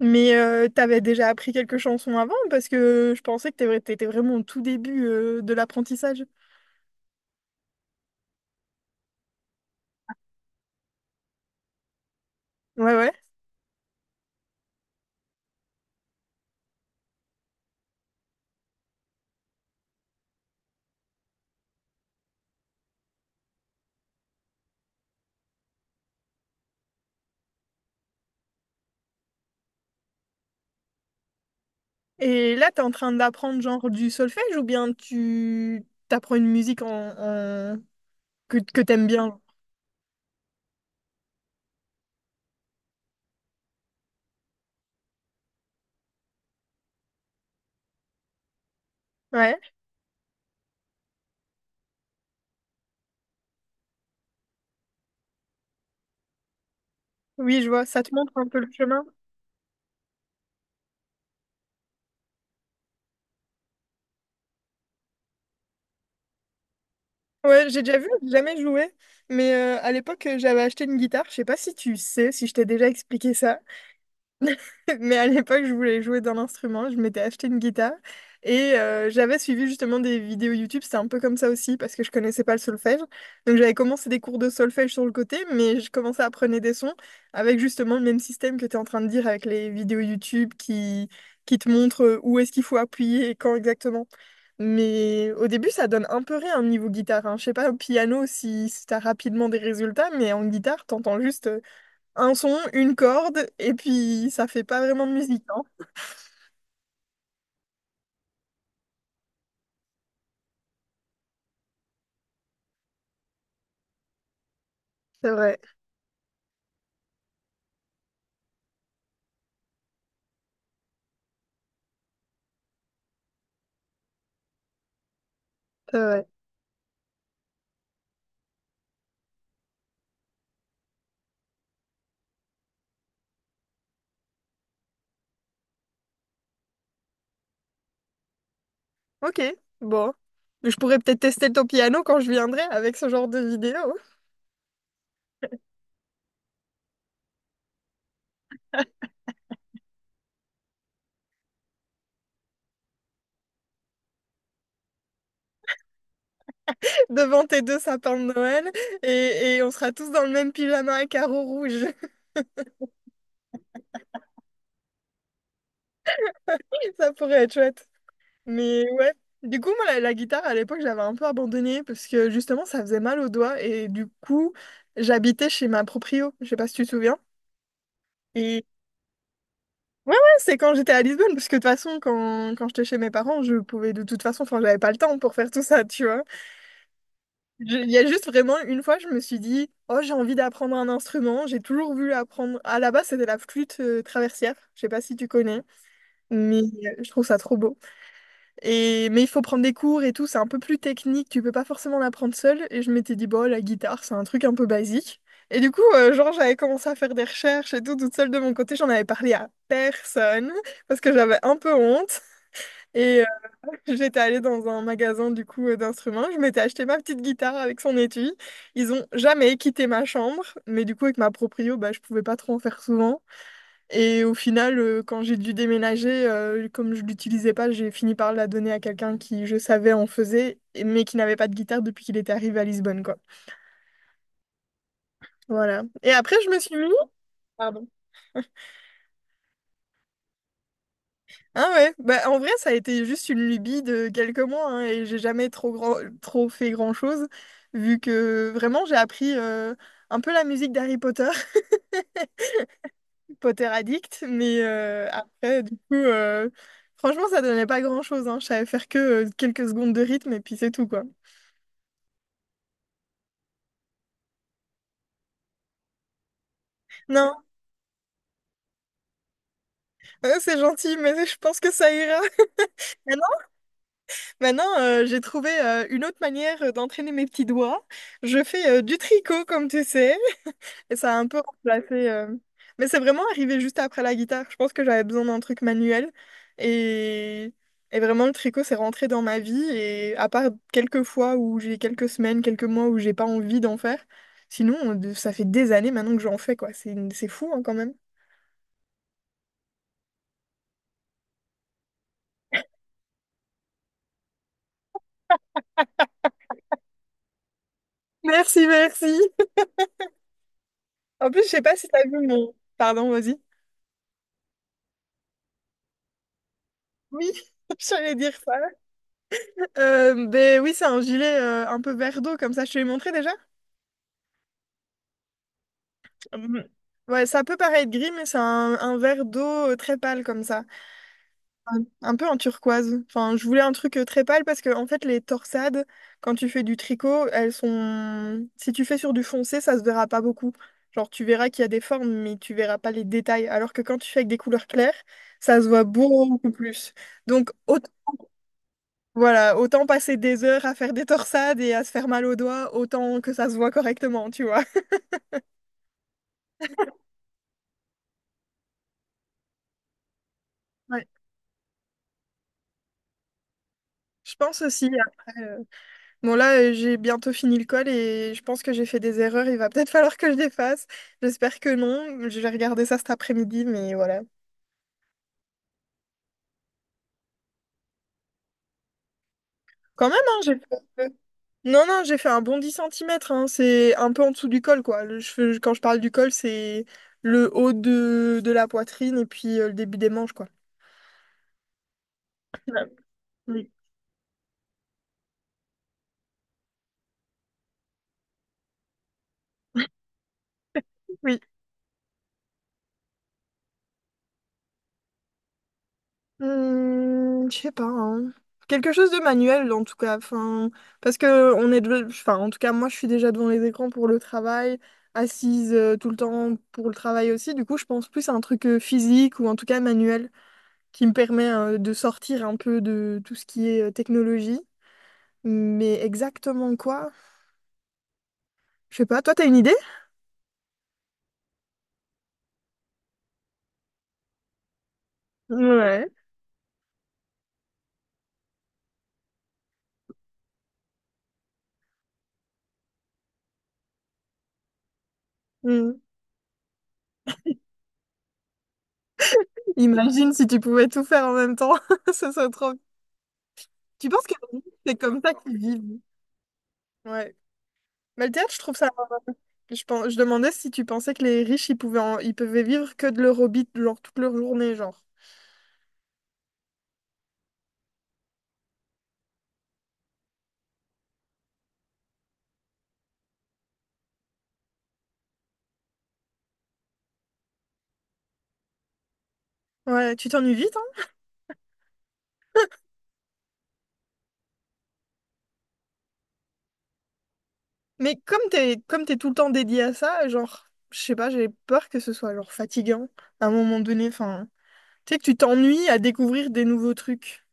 Mais t'avais déjà appris quelques chansons avant parce que je pensais que t'étais vraiment au tout début de l'apprentissage. Ouais, ouais. Et là, t'es en train d'apprendre genre du solfège ou bien tu t'apprends une musique en- que t'aimes bien, genre. Ouais, oui, je vois, ça te montre un peu le chemin. Ouais, j'ai déjà vu, j'ai jamais joué. Mais à l'époque, j'avais acheté une guitare. Je sais pas si tu sais, si je t'ai déjà expliqué ça. Mais à l'époque, je voulais jouer d'un instrument. Je m'étais acheté une guitare et j'avais suivi justement des vidéos YouTube. C'était un peu comme ça aussi parce que je connaissais pas le solfège. Donc j'avais commencé des cours de solfège sur le côté, mais je commençais à apprendre des sons avec justement le même système que tu es en train de dire avec les vidéos YouTube qui te montrent où est-ce qu'il faut appuyer et quand exactement. Mais au début, ça donne un peu rien niveau guitare, hein. Je sais pas, au piano, si t'as rapidement des résultats, mais en guitare, t'entends juste un son, une corde, et puis ça fait pas vraiment de musique, hein. C'est vrai, c'est vrai. Ok, bon. Je pourrais peut-être tester ton piano quand je viendrai avec ce genre de vidéo, devant tes deux sapins de Noël, et on sera tous dans le même pyjama à carreaux rouges. Ça pourrait être chouette. Mais ouais. Du coup, moi, la guitare, à l'époque, j'avais un peu abandonné parce que justement, ça faisait mal aux doigts et du coup, j'habitais chez ma proprio. Je sais pas si tu te souviens. Et, Ouais, ouais, c'est quand j'étais à Lisbonne, parce que de toute façon, quand j'étais chez mes parents, je pouvais de toute façon, enfin, j'avais pas le temps pour faire tout ça, tu vois. Il y a juste vraiment une fois, je me suis dit, oh, j'ai envie d'apprendre un instrument, j'ai toujours voulu apprendre. À la base, c'était la flûte traversière, je sais pas si tu connais, mais je trouve ça trop beau. Et, mais il faut prendre des cours et tout, c'est un peu plus technique, tu peux pas forcément l'apprendre seul. Et je m'étais dit, bon, la guitare, c'est un truc un peu basique. Et du coup, genre, j'avais commencé à faire des recherches et tout, toute seule de mon côté, j'en avais parlé à personne, parce que j'avais un peu honte. Et j'étais allée dans un magasin, du coup, d'instruments, je m'étais acheté ma petite guitare avec son étui. Ils ont jamais quitté ma chambre, mais du coup, avec ma proprio, bah, je pouvais pas trop en faire souvent. Et au final, quand j'ai dû déménager, comme je l'utilisais pas, j'ai fini par la donner à quelqu'un qui, je savais, en faisait, mais qui n'avait pas de guitare depuis qu'il était arrivé à Lisbonne, quoi. Voilà. Et après, je me suis mis... Pardon. Ah ouais, bah en vrai, ça a été juste une lubie de quelques mois, hein, et j'ai jamais trop fait grand-chose, vu que vraiment, j'ai appris un peu la musique d'Harry Potter, Potter Addict, mais après, du coup, franchement, ça donnait pas grand-chose, hein. Je savais faire que quelques secondes de rythme, et puis c'est tout, quoi. Non, c'est gentil, mais je pense que ça ira. Maintenant, maintenant, j'ai trouvé une autre manière d'entraîner mes petits doigts. Je fais du tricot, comme tu sais, et ça a un peu remplacé. Mais c'est vraiment arrivé juste après la guitare. Je pense que j'avais besoin d'un truc manuel. Et... et vraiment, le tricot, c'est rentré dans ma vie. Et à part quelques fois où j'ai quelques semaines, quelques mois où j'ai pas envie d'en faire, sinon, ça fait des années maintenant que j'en fais, quoi. C'est fou, hein, quand même. Merci, merci. En plus, je sais pas si t'as vu mon... Pardon, vas-y. Oui, j'allais dire ça. Ben oui, c'est un gilet un peu vert d'eau, comme ça, je te l'ai montré déjà. Hum, Ouais, ça peut paraître gris, mais c'est un vert d'eau très pâle, comme ça. Un peu en turquoise. Enfin, je voulais un truc très pâle parce que, en fait, les torsades, quand tu fais du tricot, elles sont... Si tu fais sur du foncé, ça se verra pas beaucoup. Genre, tu verras qu'il y a des formes, mais tu verras pas les détails. Alors que quand tu fais avec des couleurs claires, ça se voit beaucoup plus. Donc, autant voilà, autant passer des heures à faire des torsades et à se faire mal aux doigts, autant que ça se voit correctement, tu vois. Ouais. Je pense aussi, après... bon, là, j'ai bientôt fini le col et je pense que j'ai fait des erreurs. Il va peut-être falloir que je les fasse. J'espère que non. Je vais regarder ça cet après-midi, mais voilà. Quand même, hein, j'ai fait... un peu. Non, non, j'ai fait un bon 10 cm, hein. C'est un peu en dessous du col, quoi. Quand je parle du col, c'est le haut de la poitrine et puis le début des manches, quoi. Ouais. Oui. Oui. Hmm, je sais pas, hein. Quelque chose de manuel en tout cas. Enfin, parce que enfin, en tout cas, moi, je suis déjà devant les écrans pour le travail, assise tout le temps pour le travail aussi. Du coup, je pense plus à un truc physique ou en tout cas manuel qui me permet de sortir un peu de tout ce qui est technologie. Mais exactement quoi? Je sais pas. Toi, t'as une idée? Ouais. Hmm. Imagine si tu pouvais tout faire en même temps. Ce serait trop. Tu penses que c'est comme ça qu'ils vivent? Ouais. Mais le théâtre, je trouve ça... je demandais si tu pensais que les riches, ils pouvaient vivre que de leur hobby, genre toute leur journée, genre. Ouais, tu t'ennuies vite, hein? Mais comme t'es tout le temps dédié à ça, genre, je sais pas, j'ai peur que ce soit genre fatigant à un moment donné. Enfin, tu sais que tu t'ennuies à découvrir des nouveaux trucs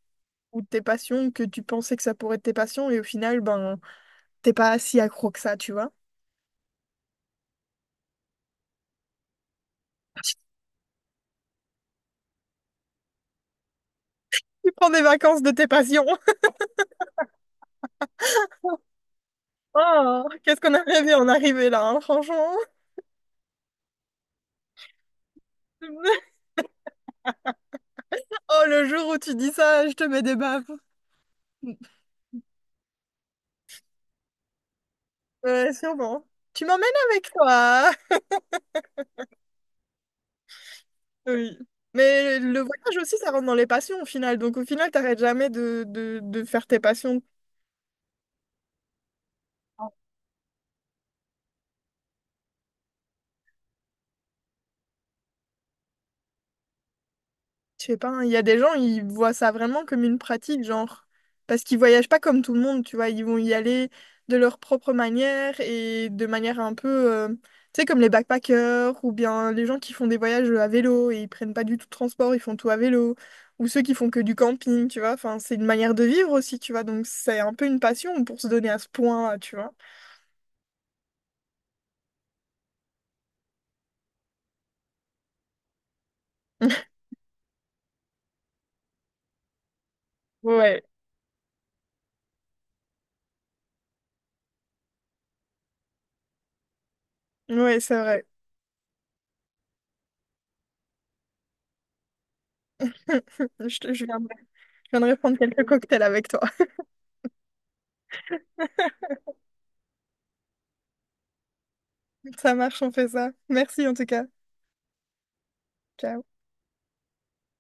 ou tes passions que tu pensais que ça pourrait être tes passions et au final, ben, t'es pas si accro que ça, tu vois. Tu prends des vacances de tes passions. Oh, qu'est-ce qu'on a rêvé en arriver là, hein, franchement. Oh, le jour où tu dis ça, je te mets des baffes. Ouais, sûrement. Tu m'emmènes avec toi. Oui. Mais le voyage aussi, ça rentre dans les passions au final. Donc au final, t'arrêtes jamais de faire tes passions. Je sais pas, hein, il y a des gens, ils voient ça vraiment comme une pratique, genre, parce qu'ils voyagent pas comme tout le monde, tu vois, ils vont y aller de leur propre manière et de manière un peu, tu sais, comme les backpackers ou bien les gens qui font des voyages à vélo et ils prennent pas du tout de transport, ils font tout à vélo, ou ceux qui font que du camping, tu vois, enfin, c'est une manière de vivre aussi, tu vois, donc c'est un peu une passion pour se donner à ce point, tu vois. Ouais, ouais, c'est vrai. Je, te- je viendrai, je viendrai prendre quelques cocktails avec toi. Ça marche, on fait ça. Merci en tout cas. Ciao.